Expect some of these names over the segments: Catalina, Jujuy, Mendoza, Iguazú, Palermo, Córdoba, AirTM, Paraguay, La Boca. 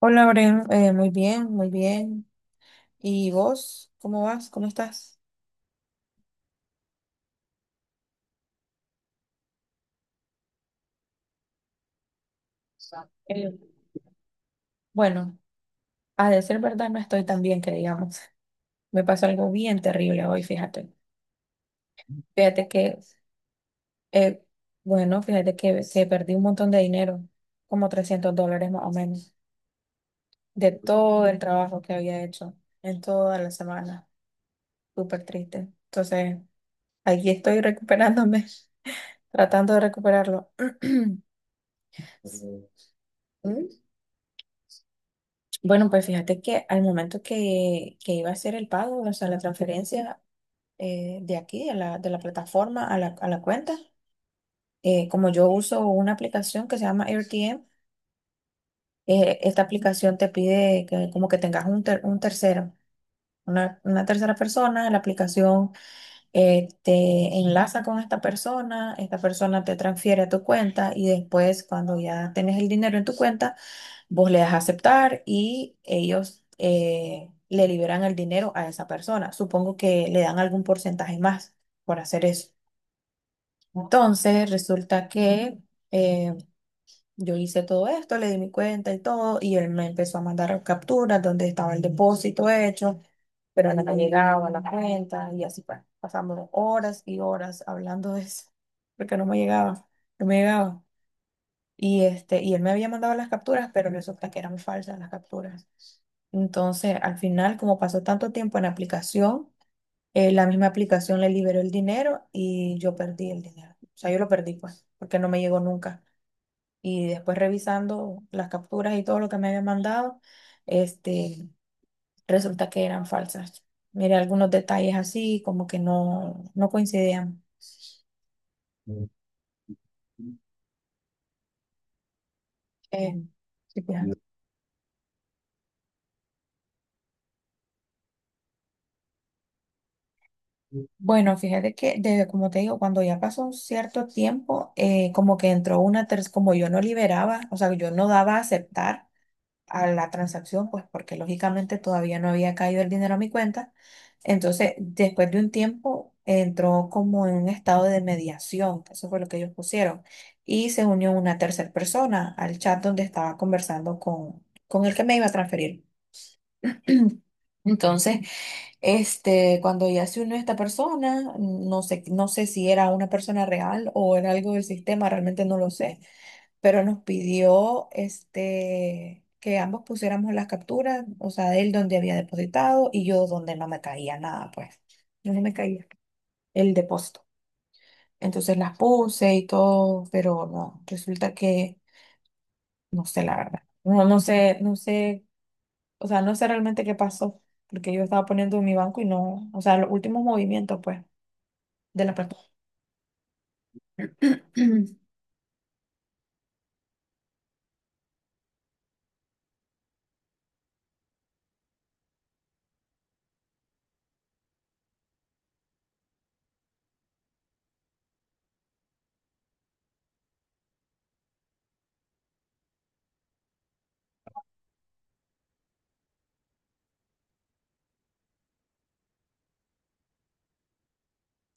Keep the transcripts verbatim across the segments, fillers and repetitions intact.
Hola, Bren, eh, muy bien, muy bien. ¿Y vos? ¿Cómo vas? ¿Cómo estás? Eh, bueno, a decir verdad, no estoy tan bien que digamos. Me pasó algo bien terrible hoy, fíjate. Fíjate que, eh, bueno, fíjate que se perdí un montón de dinero, como trescientos dólares más o menos, de todo el trabajo que había hecho en toda la semana. Súper triste. Entonces, aquí estoy recuperándome, tratando de recuperarlo. ¿Mm? Bueno, pues fíjate que al momento que, que iba a hacer el pago, o sea, la transferencia, eh, de aquí, de la, de la plataforma a la, a la cuenta. Eh, como yo uso una aplicación que se llama AirTM, eh, esta aplicación te pide que, como que tengas un, ter- un tercero, una, una tercera persona. La aplicación eh, te enlaza con esta persona, esta persona te transfiere a tu cuenta y después cuando ya tienes el dinero en tu cuenta, vos le das a aceptar y ellos eh, le liberan el dinero a esa persona. Supongo que le dan algún porcentaje más por hacer eso. Entonces, resulta que eh, yo hice todo esto, le di mi cuenta y todo, y él me empezó a mandar capturas donde estaba el depósito hecho, pero no me llegaba la cuenta y así pa- pasamos horas y horas hablando de eso, porque no me llegaba, no me llegaba. Y, este, y él me había mandado las capturas, pero resulta que eran falsas las capturas. Entonces, al final, como pasó tanto tiempo en la aplicación, eh, la misma aplicación le liberó el dinero y yo perdí el dinero. O sea, yo lo perdí, pues, porque no me llegó nunca. Y después revisando las capturas y todo lo que me había mandado, este, resulta que eran falsas. Mire, algunos detalles así, como que no, no coincidían. Eh, sí, pues. Bueno, fíjate que desde, como te digo, cuando ya pasó un cierto tiempo, eh, como que entró una tercera, como yo no liberaba, o sea, yo no daba a aceptar a la transacción, pues porque lógicamente todavía no había caído el dinero a mi cuenta. Entonces, después de un tiempo, entró como en un estado de mediación, eso fue lo que ellos pusieron, y se unió una tercera persona al chat donde estaba conversando con, con el que me iba a transferir. Entonces, este, cuando ya se unió esta persona, no sé, no sé si era una persona real o era algo del sistema, realmente no lo sé, pero nos pidió este, que ambos pusiéramos las capturas, o sea, él donde había depositado y yo donde no me caía nada, pues, no me caía el depósito. Entonces las puse y todo, pero no, resulta que no sé la verdad. No, no sé, no sé, o sea, no sé realmente qué pasó, porque yo estaba poniendo en mi banco y no, o sea, los últimos movimientos, pues, de la plataforma.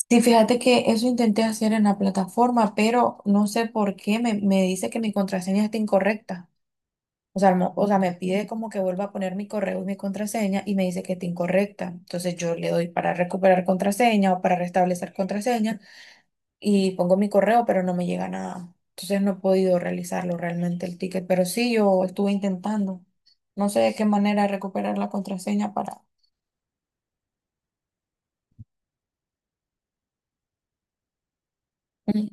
Sí, fíjate que eso intenté hacer en la plataforma, pero no sé por qué me, me dice que mi contraseña está incorrecta. O sea, mo- o sea, me pide como que vuelva a poner mi correo y mi contraseña y me dice que está incorrecta. Entonces yo le doy para recuperar contraseña o para restablecer contraseña y pongo mi correo, pero no me llega nada. Entonces no he podido realizarlo realmente el ticket, pero sí yo estuve intentando. No sé de qué manera recuperar la contraseña para... Ujú,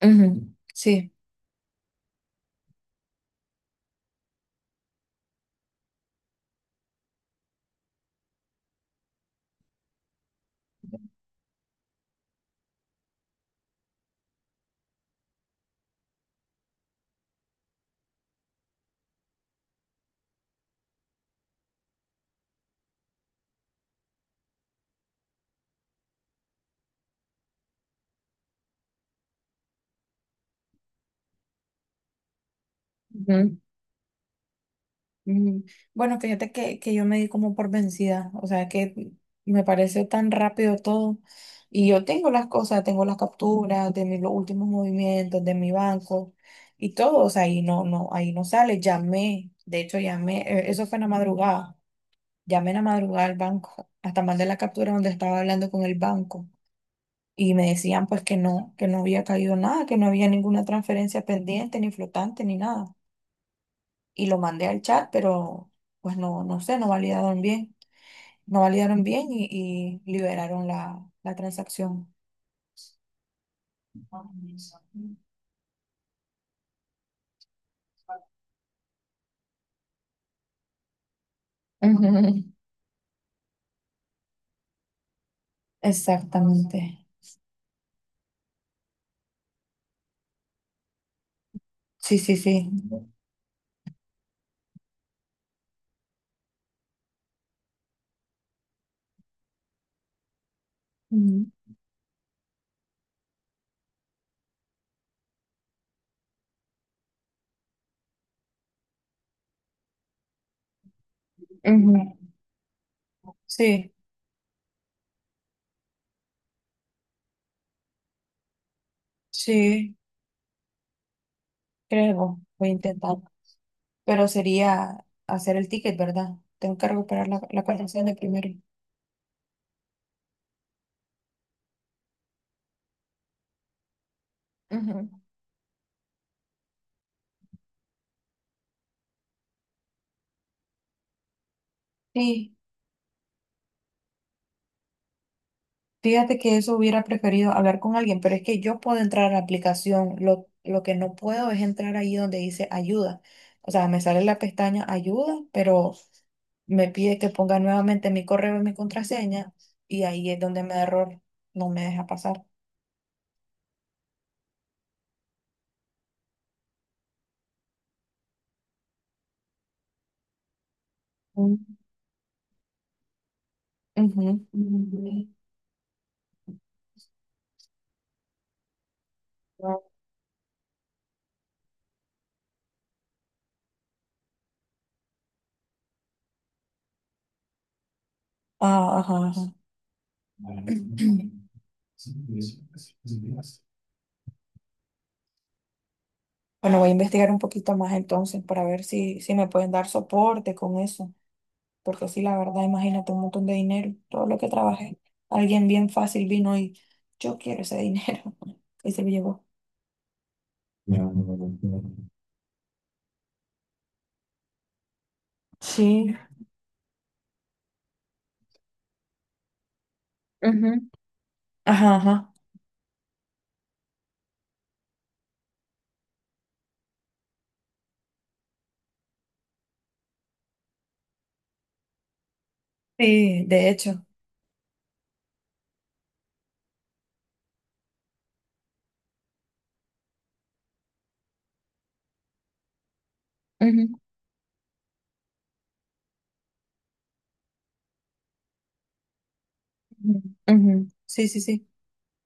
ujú, sí. Mm, Bueno, fíjate que, que yo me di como por vencida, o sea que me pareció tan rápido todo y yo tengo las cosas, tengo las capturas de mis los últimos movimientos, de mi banco y todo, o sea, ahí no, no, ahí no sale, llamé, de hecho llamé, eh, eso fue en la madrugada, llamé en la madrugada al banco, hasta mandé la captura donde estaba hablando con el banco y me decían pues que no, que no había caído nada, que no había ninguna transferencia pendiente, ni flotante, ni nada y lo mandé al chat, pero pues no, no sé, no validaron bien, no validaron bien y, y liberaron la, la transacción. Ujú. Exactamente. Sí, sí, sí. Ujú, ujú. Sí, sí, creo, voy a intentar. Pero sería hacer el ticket, ¿verdad? Tengo que recuperar la, la contraseña primero. Ujú. Sí. Fíjate que eso hubiera preferido hablar con alguien, pero es que yo puedo entrar a la aplicación. Lo, lo que no puedo es entrar ahí donde dice ayuda. O sea, me sale la pestaña ayuda, pero me pide que ponga nuevamente mi correo y mi contraseña, y ahí es donde me da error, no me deja pasar. Mm. Ujú. Ah, ajá, ajá. Bueno, voy a investigar un poquito más entonces para ver si, si me pueden dar soporte con eso. Porque sí, la verdad, imagínate un montón de dinero, todo lo que trabajé. Alguien bien fácil vino y yo quiero ese dinero. Y se lo llevó. Sí. Ujú, ajá, ajá. Sí, de hecho. Ujú, ujú. Ujú. Sí, sí, sí.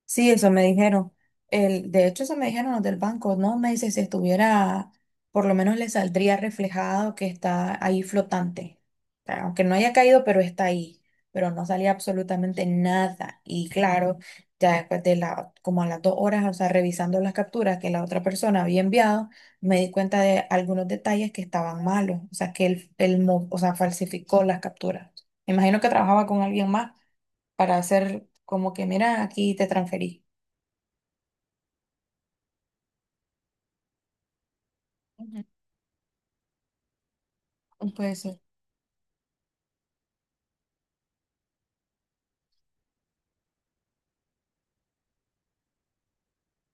Sí, eso me dijeron. El, de hecho, eso me dijeron los del banco, ¿no? Me dice, si estuviera, por lo menos le saldría reflejado que está ahí flotante. O sea, aunque no haya caído, pero está ahí. Pero no salía absolutamente nada. Y claro, ya después de la, como a las dos horas, o sea, revisando las capturas que la otra persona había enviado, me di cuenta de algunos detalles que estaban malos. O sea, que él, él mo- o sea, falsificó las capturas. Me imagino que trabajaba con alguien más para hacer como que, mira, aquí te transferí. Ujú. Puede ser.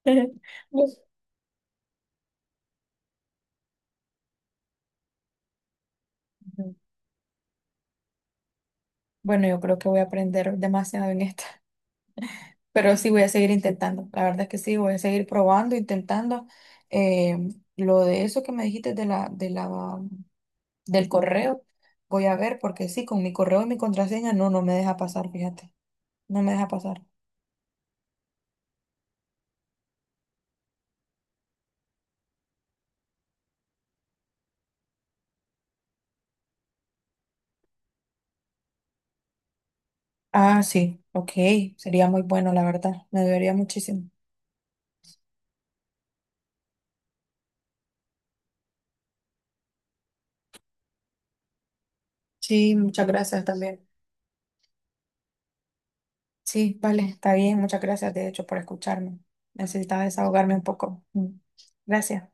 Pues. Ujú. Bueno, yo creo que voy a aprender demasiado en esta, pero sí voy a seguir intentando. La verdad es que sí, voy a seguir probando, intentando. Eh, lo de eso que me dijiste de la, de la, del correo, voy a ver porque sí, con mi correo y mi contraseña, no, no me deja pasar, fíjate, no me deja pasar. Ah, sí, ok, sería muy bueno, la verdad, me debería muchísimo. Sí, muchas gracias también. Sí, vale, está bien. Muchas gracias, de hecho, por escucharme. Necesitaba desahogarme un poco. Mm. Gracias.